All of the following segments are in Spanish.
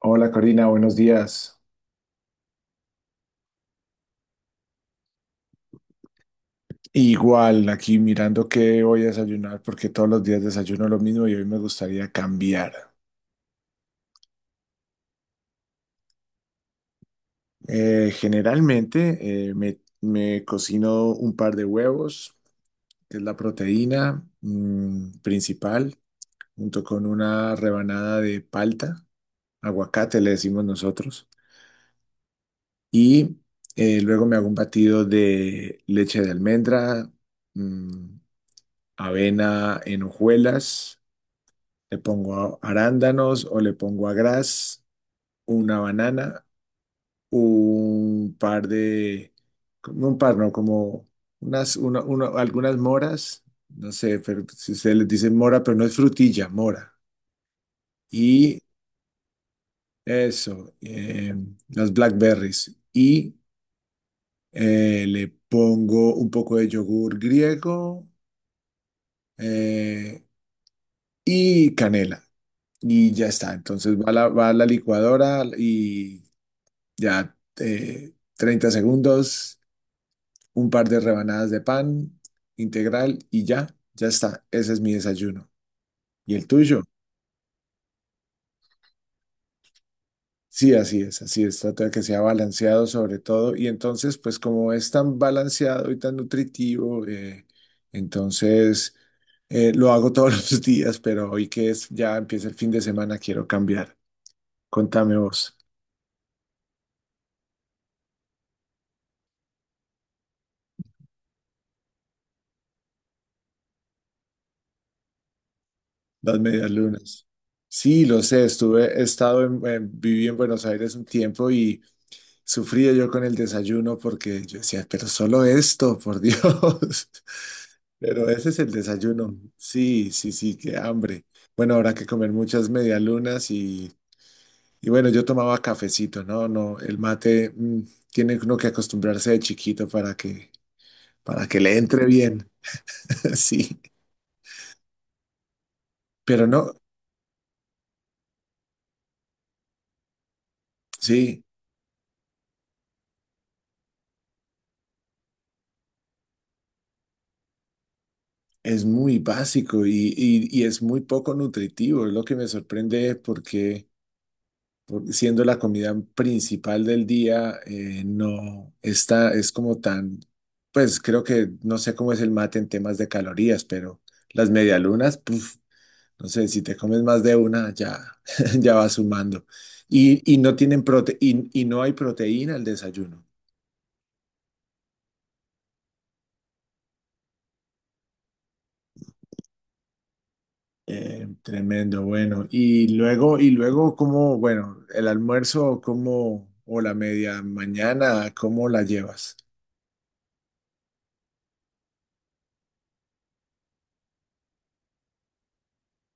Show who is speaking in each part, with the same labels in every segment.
Speaker 1: Hola Corina, buenos días. Igual, aquí mirando qué voy a desayunar, porque todos los días desayuno lo mismo y hoy me gustaría cambiar. Generalmente me cocino un par de huevos, que es la proteína principal, junto con una rebanada de palta, aguacate le decimos nosotros, y luego me hago un batido de leche de almendra, mm, avena en hojuelas. Le pongo arándanos o le pongo a gras, una banana, un par de, como un par, no, como algunas moras, no sé, pero si ustedes les dicen mora, pero no es frutilla, mora. Y eso, las blackberries. Y le pongo un poco de yogur griego eh, y canela. Y ya está. Entonces va a la licuadora y ya, 30 segundos, un par de rebanadas de pan integral y ya, ya está. Ese es mi desayuno. ¿Y el tuyo? Sí, así es, así es. Trata de que sea balanceado sobre todo. Y entonces, pues como es tan balanceado y tan nutritivo, entonces lo hago todos los días, pero hoy que es, ya empieza el fin de semana, quiero cambiar. Contame vos, las medias lunas. Sí, lo sé, estuve, he estado viví en Buenos Aires un tiempo y sufría yo con el desayuno porque yo decía, pero solo esto, por Dios. Pero ese es el desayuno. Sí, sí, sí, qué hambre. Bueno, habrá que comer muchas medialunas y bueno, yo tomaba cafecito, ¿no? No, el mate tiene uno que acostumbrarse de chiquito para que le entre bien. Sí, pero no, sí, es muy básico y es muy poco nutritivo. Es lo que me sorprende porque siendo la comida principal del día, no está, es como tan, pues creo que no sé cómo es el mate en temas de calorías, pero las medialunas, puf, no sé, si te comes más de una, ya, ya va sumando. Y no tienen prote y no hay proteína al desayuno. Tremendo, bueno. Y luego, ¿cómo, bueno, el almuerzo, cómo, o la media mañana, cómo la llevas?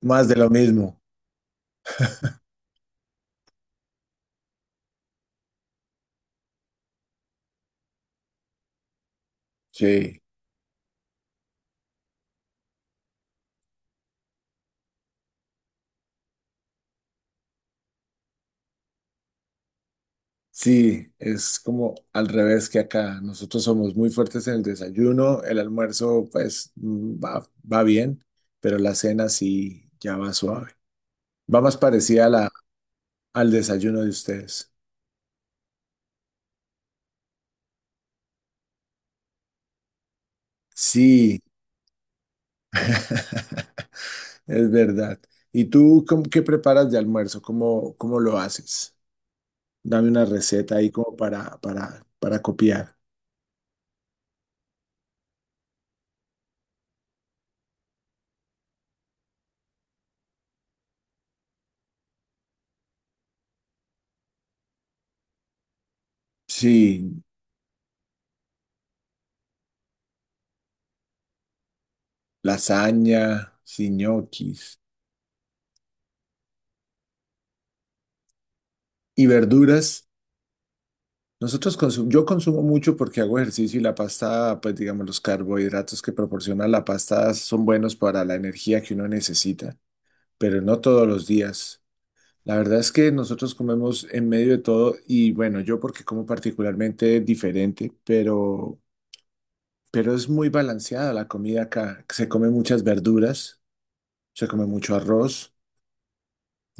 Speaker 1: Más de lo mismo. Sí. Sí, es como al revés que acá. Nosotros somos muy fuertes en el desayuno, el almuerzo pues va, va bien, pero la cena sí ya va suave. Va más parecida al desayuno de ustedes. Sí, es verdad. ¿Y tú cómo- qué preparas de almuerzo? ¿Cómo, cómo lo haces? Dame una receta ahí como para copiar. Sí, lasaña, sí, ñoquis. ¿Y verduras? Yo consumo mucho porque hago ejercicio y la pasta, pues digamos, los carbohidratos que proporciona la pasta son buenos para la energía que uno necesita, pero no todos los días. La verdad es que nosotros comemos en medio de todo y bueno, yo porque como particularmente diferente, pero es muy balanceada la comida acá. Se come muchas verduras, se come mucho arroz.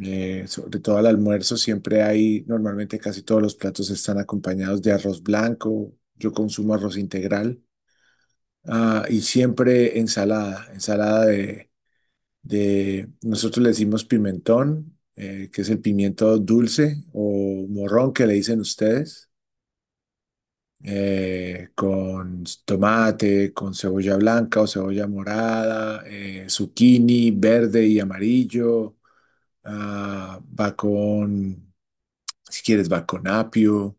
Speaker 1: Sobre todo al almuerzo siempre hay, normalmente casi todos los platos están acompañados de arroz blanco, yo consumo arroz integral, ah, y siempre ensalada, nosotros le decimos pimentón, que es el pimiento dulce o morrón que le dicen ustedes, con tomate, con cebolla blanca o cebolla morada, zucchini verde y amarillo, ah, va con si quieres, va con apio,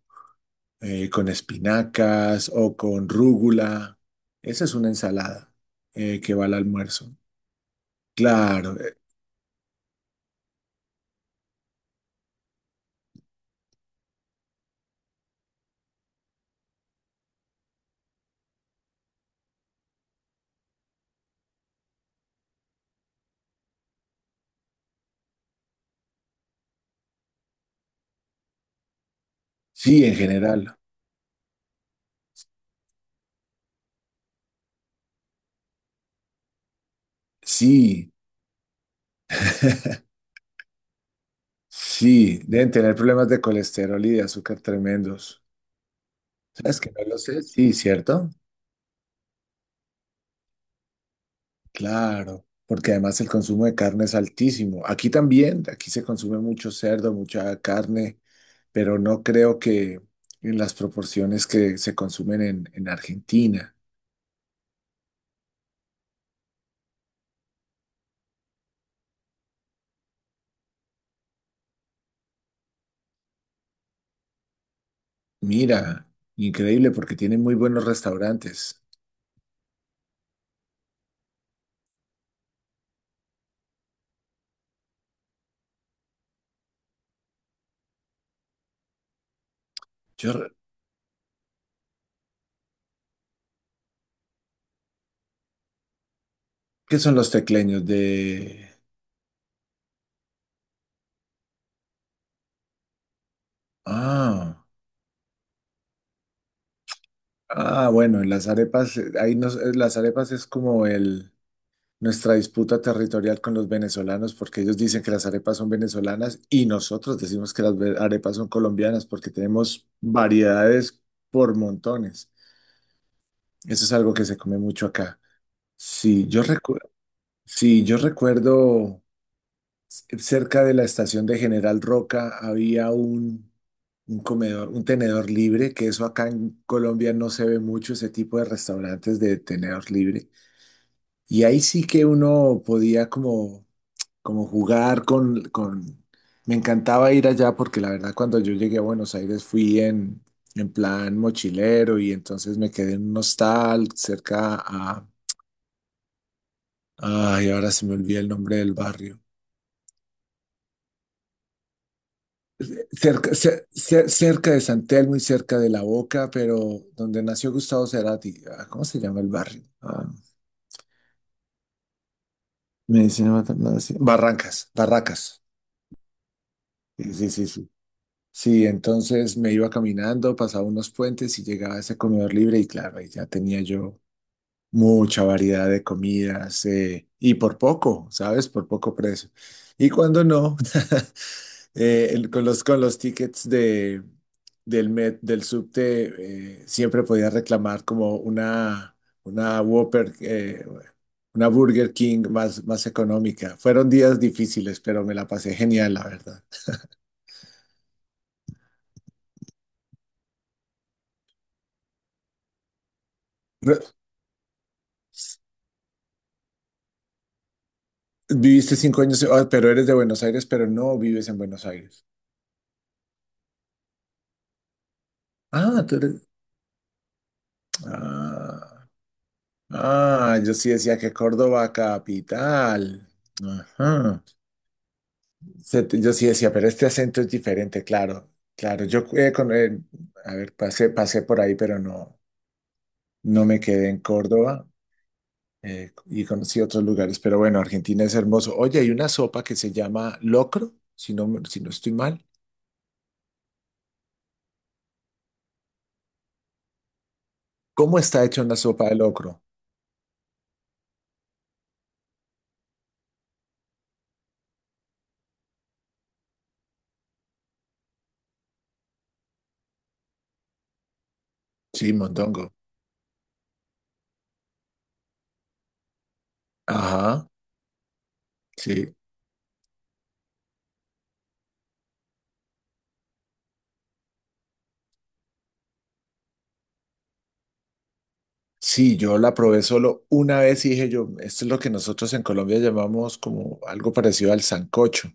Speaker 1: con espinacas o con rúgula. Esa es una ensalada que va al almuerzo. Claro, sí, en general. Sí, sí, deben tener problemas de colesterol y de azúcar tremendos. ¿Sabes que no lo sé? Sí, ¿cierto? Claro, porque además el consumo de carne es altísimo. Aquí también, aquí se consume mucho cerdo, mucha carne, pero no creo que en las proporciones que se consumen en Argentina. Mira, increíble porque tienen muy buenos restaurantes. Yo, re- ¿qué son los tecleños de... Ah, ah, bueno, en las arepas, las arepas es como el, nuestra disputa territorial con los venezolanos porque ellos dicen que las arepas son venezolanas y nosotros decimos que las arepas son colombianas porque tenemos variedades por montones. Eso es algo que se come mucho acá. Sí, yo recuerdo, sí, yo recuerdo. Cerca de la estación de General Roca un comedor, un tenedor libre, que eso acá en Colombia no se ve mucho, ese tipo de restaurantes de tenedor libre. Y ahí sí que uno podía como jugar con... Me encantaba ir allá porque la verdad cuando yo llegué a Buenos Aires fui en plan mochilero y entonces me quedé en un hostal cerca a... Ay, ahora se me olvida el nombre del barrio. Cerca, cerca de San Telmo y cerca de La Boca, pero donde nació Gustavo Cerati. Ah, ¿cómo se llama el barrio? Ah, Medicina Maternal, sí. Barrancas, Barracas. Sí, sí, sí, sí. Sí, entonces me iba caminando, pasaba unos puentes y llegaba a ese comedor libre y claro, ahí ya tenía yo mucha variedad de comidas y por poco, ¿sabes? Por poco precio. Y cuando no, con los tickets Met- del subte siempre podía reclamar como una Whopper, una Burger King más, más económica. Fueron días difíciles, pero me la pasé genial, la verdad. Re- viviste 5 años, ah, pero eres de Buenos Aires, pero no vives en Buenos Aires. Ah, tú eres... Ah, ah, yo sí decía que Córdoba capital. Ajá. Se- yo sí decía, pero este acento es diferente, claro, claro. Yo, a ver, pasé por ahí, pero no, no me quedé en Córdoba y conocí otros lugares. Pero bueno, Argentina es hermoso. Oye, hay una sopa que se llama locro, si no, si no estoy mal. ¿Cómo está hecha una sopa de locro? Sí, mondongo. Ajá, sí. Sí, yo la probé solo una vez y dije yo, esto es lo que nosotros en Colombia llamamos como algo parecido al sancocho,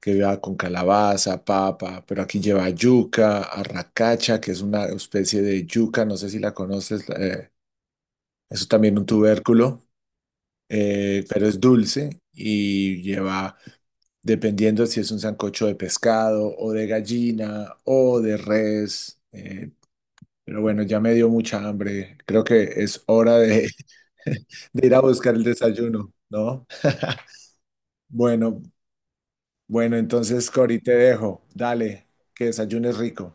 Speaker 1: que lleva con calabaza, papa, pero aquí lleva yuca, arracacha, que es una especie de yuca, no sé si la conoces, es también un tubérculo, pero es dulce y lleva, dependiendo si es un sancocho de pescado o de gallina o de res, pero bueno, ya me dio mucha hambre, creo que es hora de, de ir a buscar el desayuno, ¿no? Bueno, bueno, entonces Cori, te dejo, dale, que desayunes rico.